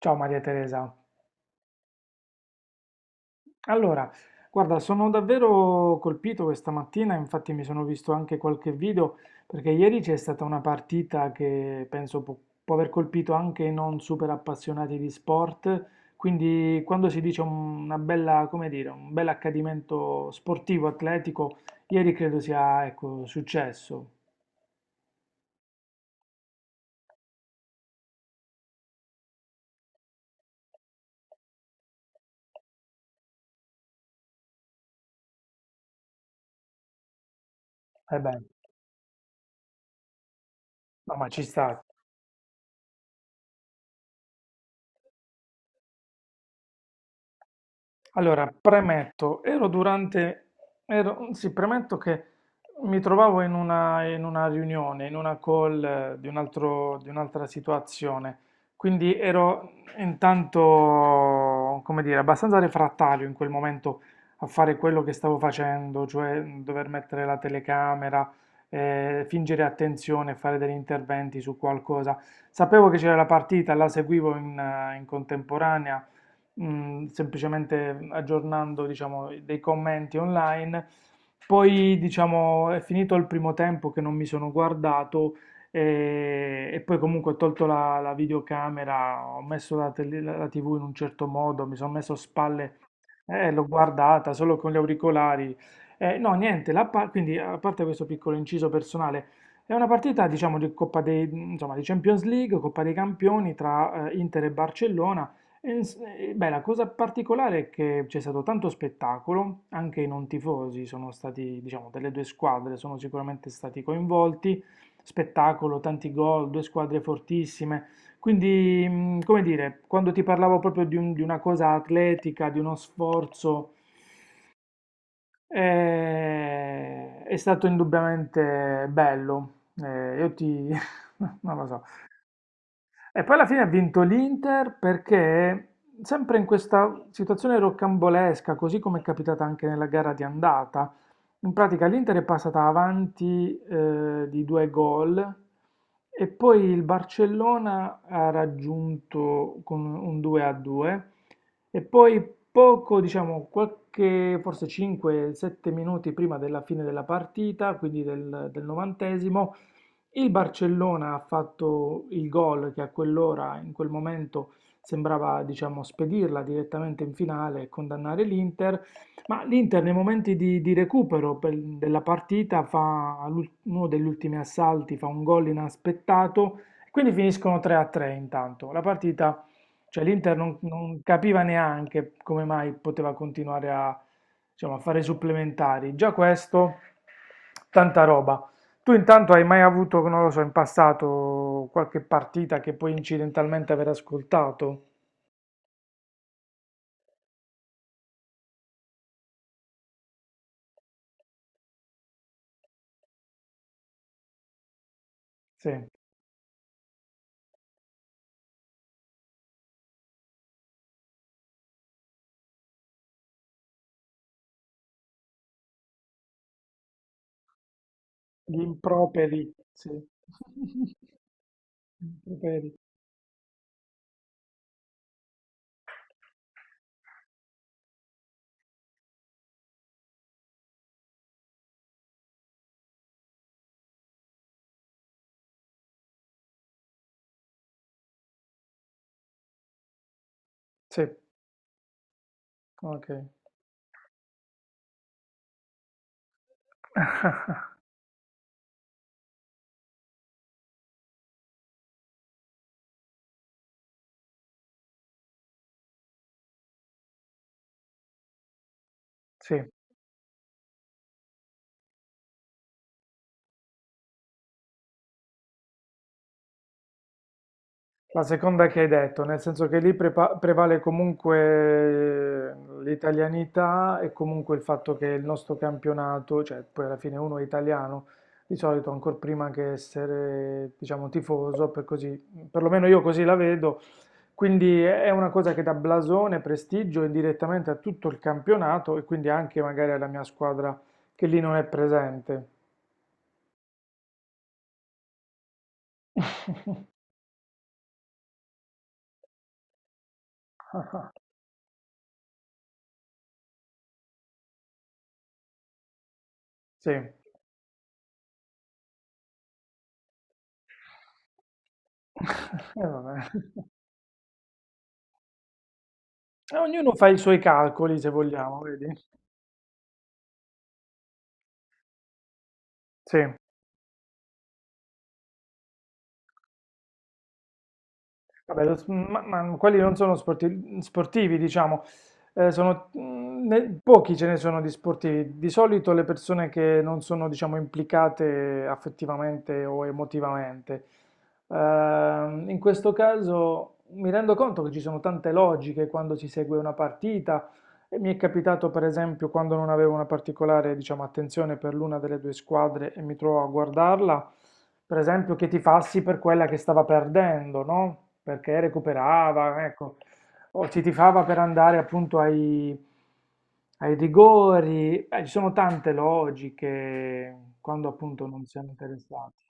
Ciao Maria Teresa. Allora, guarda, sono davvero colpito questa mattina, infatti mi sono visto anche qualche video, perché ieri c'è stata una partita che penso può aver colpito anche i non super appassionati di sport, quindi quando si dice una bella, come dire, un bel accadimento sportivo, atletico, ieri credo sia, ecco, successo. Eh beh, no, ma ci sta. Allora, premetto, ero durante, ero, sì, premetto che mi trovavo in una riunione, in una call di un altro, di un'altra situazione, quindi ero intanto, come dire, abbastanza refrattario in quel momento a fare quello che stavo facendo, cioè dover mettere la telecamera, fingere attenzione, fare degli interventi su qualcosa. Sapevo che c'era la partita, la seguivo in contemporanea semplicemente aggiornando, diciamo, dei commenti online. Poi, diciamo, è finito il primo tempo che non mi sono guardato e poi comunque ho tolto la videocamera, ho messo la TV in un certo modo, mi sono messo a spalle, l'ho guardata solo con gli auricolari. No, niente, quindi a parte questo piccolo inciso personale, è una partita, diciamo, di Coppa dei, insomma, di Champions League, Coppa dei Campioni tra Inter e Barcellona. E beh, la cosa particolare è che c'è stato tanto spettacolo, anche i non tifosi sono stati, diciamo, delle due squadre sono sicuramente stati coinvolti, spettacolo, tanti gol, due squadre fortissime, quindi, come dire, quando ti parlavo proprio di una cosa atletica, di uno sforzo, è stato indubbiamente bello. Io ti, non lo so, e poi alla fine ha vinto l'Inter perché, sempre in questa situazione rocambolesca, così come è capitata anche nella gara di andata, in pratica l'Inter è passata avanti di due gol e poi il Barcellona ha raggiunto con un 2 a 2 e poi poco, diciamo, qualche, forse 5-7 minuti prima della fine della partita, quindi del, del 90º, il Barcellona ha fatto il gol che a quell'ora, in quel momento, sembrava, diciamo, spedirla direttamente in finale e condannare l'Inter, ma l'Inter nei momenti di recupero della partita fa uno degli ultimi assalti, fa un gol inaspettato, quindi finiscono 3-3 intanto. La partita, cioè l'Inter non capiva neanche come mai poteva continuare a, diciamo, a fare i supplementari. Già questo, tanta roba. Tu intanto hai mai avuto, non lo so, in passato qualche partita che puoi incidentalmente aver ascoltato? Sì, gli improperi, sì. Gli improperi. Sì, ok. Sì, la seconda che hai detto, nel senso che lì prevale comunque l'italianità e comunque il fatto che il nostro campionato, cioè poi alla fine uno è italiano, di solito ancora prima che essere, diciamo, tifoso, per così, perlomeno io così la vedo. Quindi è una cosa che dà blasone, prestigio indirettamente a tutto il campionato e quindi anche magari alla mia squadra che lì non è presente. Sì. E vabbè. Ognuno fa i suoi calcoli, se vogliamo, vedi? Sì. Vabbè, ma quelli non sono sportivi, diciamo. Sono, pochi ce ne sono di sportivi. Di solito le persone che non sono, diciamo, implicate affettivamente o emotivamente. In questo caso mi rendo conto che ci sono tante logiche quando si segue una partita, e mi è capitato per esempio quando non avevo una particolare, diciamo, attenzione per l'una delle due squadre e mi trovo a guardarla, per esempio che tifassi per quella che stava perdendo, no? Perché recuperava, ecco, o si tifava per andare appunto ai, ai rigori. Ci sono tante logiche quando appunto non siamo interessati.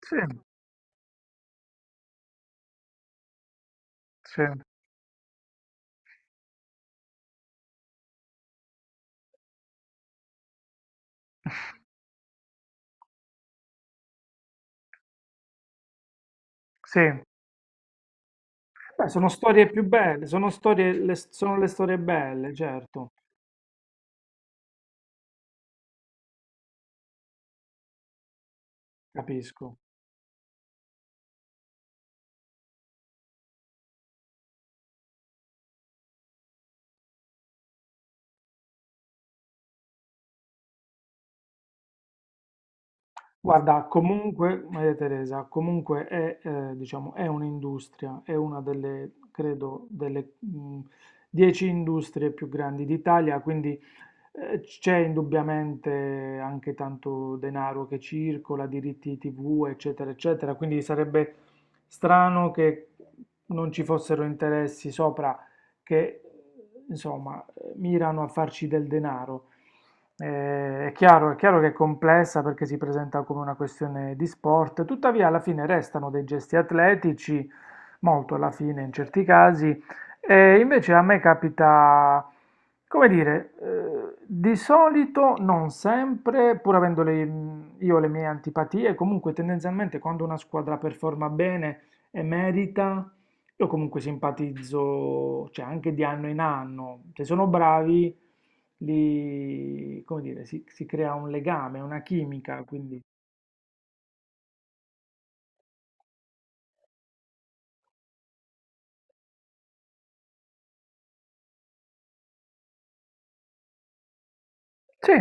Sì, sì, sì. Beh, sono storie più belle, sono storie, sono le storie belle, certo, capisco. Guarda, comunque, Maria Teresa, comunque è, diciamo, è un'industria, è una delle, credo, delle 10 industrie più grandi d'Italia, quindi c'è indubbiamente anche tanto denaro che circola, diritti TV, eccetera, eccetera, quindi sarebbe strano che non ci fossero interessi sopra che, insomma, mirano a farci del denaro. È chiaro, è chiaro che è complessa perché si presenta come una questione di sport, tuttavia alla fine restano dei gesti atletici, molto alla fine in certi casi, e invece a me capita, come dire, di solito, non sempre, pur avendo io le mie antipatie, comunque tendenzialmente quando una squadra performa bene e merita, io comunque simpatizzo, cioè anche di anno in anno, se sono bravi, li, come dire, si crea un legame, una chimica, quindi... Sì.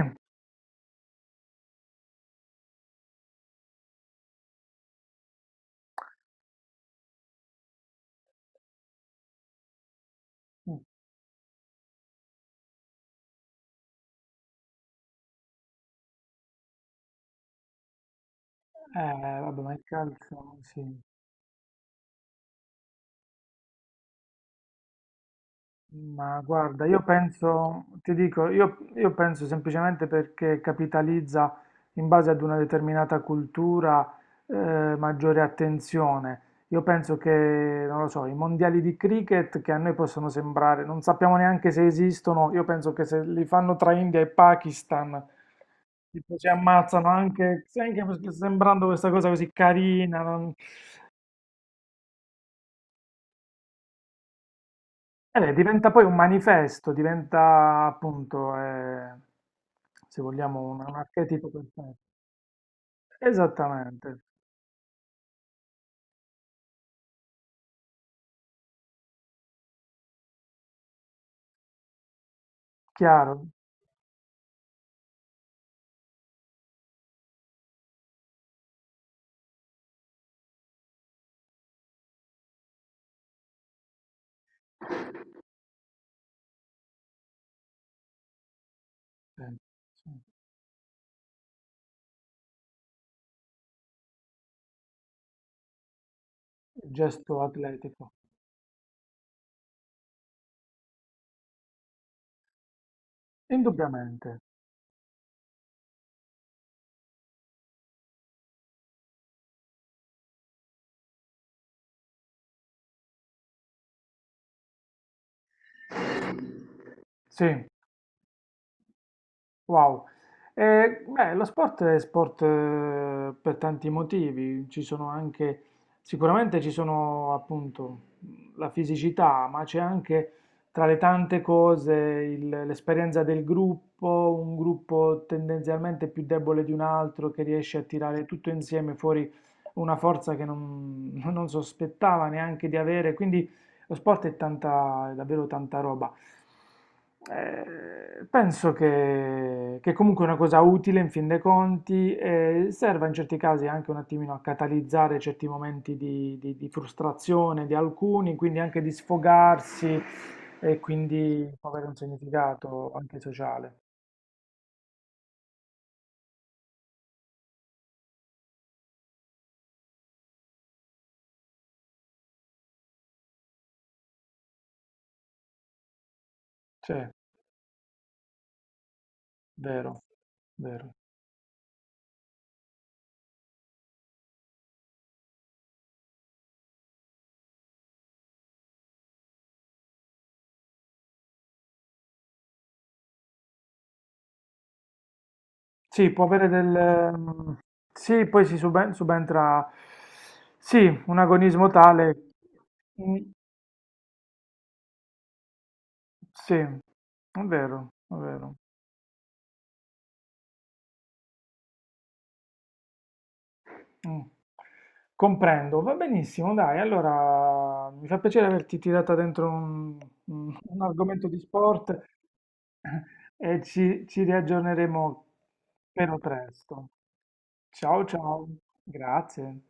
Vabbè, ma il calcio, sì. Ma guarda, io penso, ti dico, io penso semplicemente perché capitalizza in base ad una determinata cultura eh, maggiore attenzione. Io penso che, non lo so, i mondiali di cricket che a noi possono sembrare, non sappiamo neanche se esistono, io penso che se li fanno tra India e Pakistan, tipo, si ammazzano anche, se anche sembrando questa cosa così carina, non... Eh beh, diventa poi un manifesto, diventa appunto, se vogliamo, un archetipo perfetto. Esattamente, chiaro, sì, sì. Il gesto atletico, indubbiamente, sì. Wow. Beh, lo sport è sport per tanti motivi, ci sono anche, sicuramente ci sono appunto la fisicità, ma c'è anche tra le tante cose l'esperienza del gruppo, un gruppo tendenzialmente più debole di un altro che riesce a tirare tutto insieme fuori una forza che non, non sospettava neanche di avere, quindi lo sport è tanta, è davvero tanta roba. Penso che comunque è una cosa utile in fin dei conti e serva in certi casi anche un attimino a catalizzare certi momenti di, di frustrazione di alcuni, quindi anche di sfogarsi e quindi può avere un significato anche sociale. Sì, vero, vero. Sì, può avere del... sì, poi si subentra... Sì, un agonismo tale... mm, sì, è vero, è vero. Mm. Comprendo, va benissimo, dai. Allora, mi fa piacere averti tirata dentro un, un argomento di sport e ci, ci riaggiorneremo però presto. Ciao, ciao, grazie.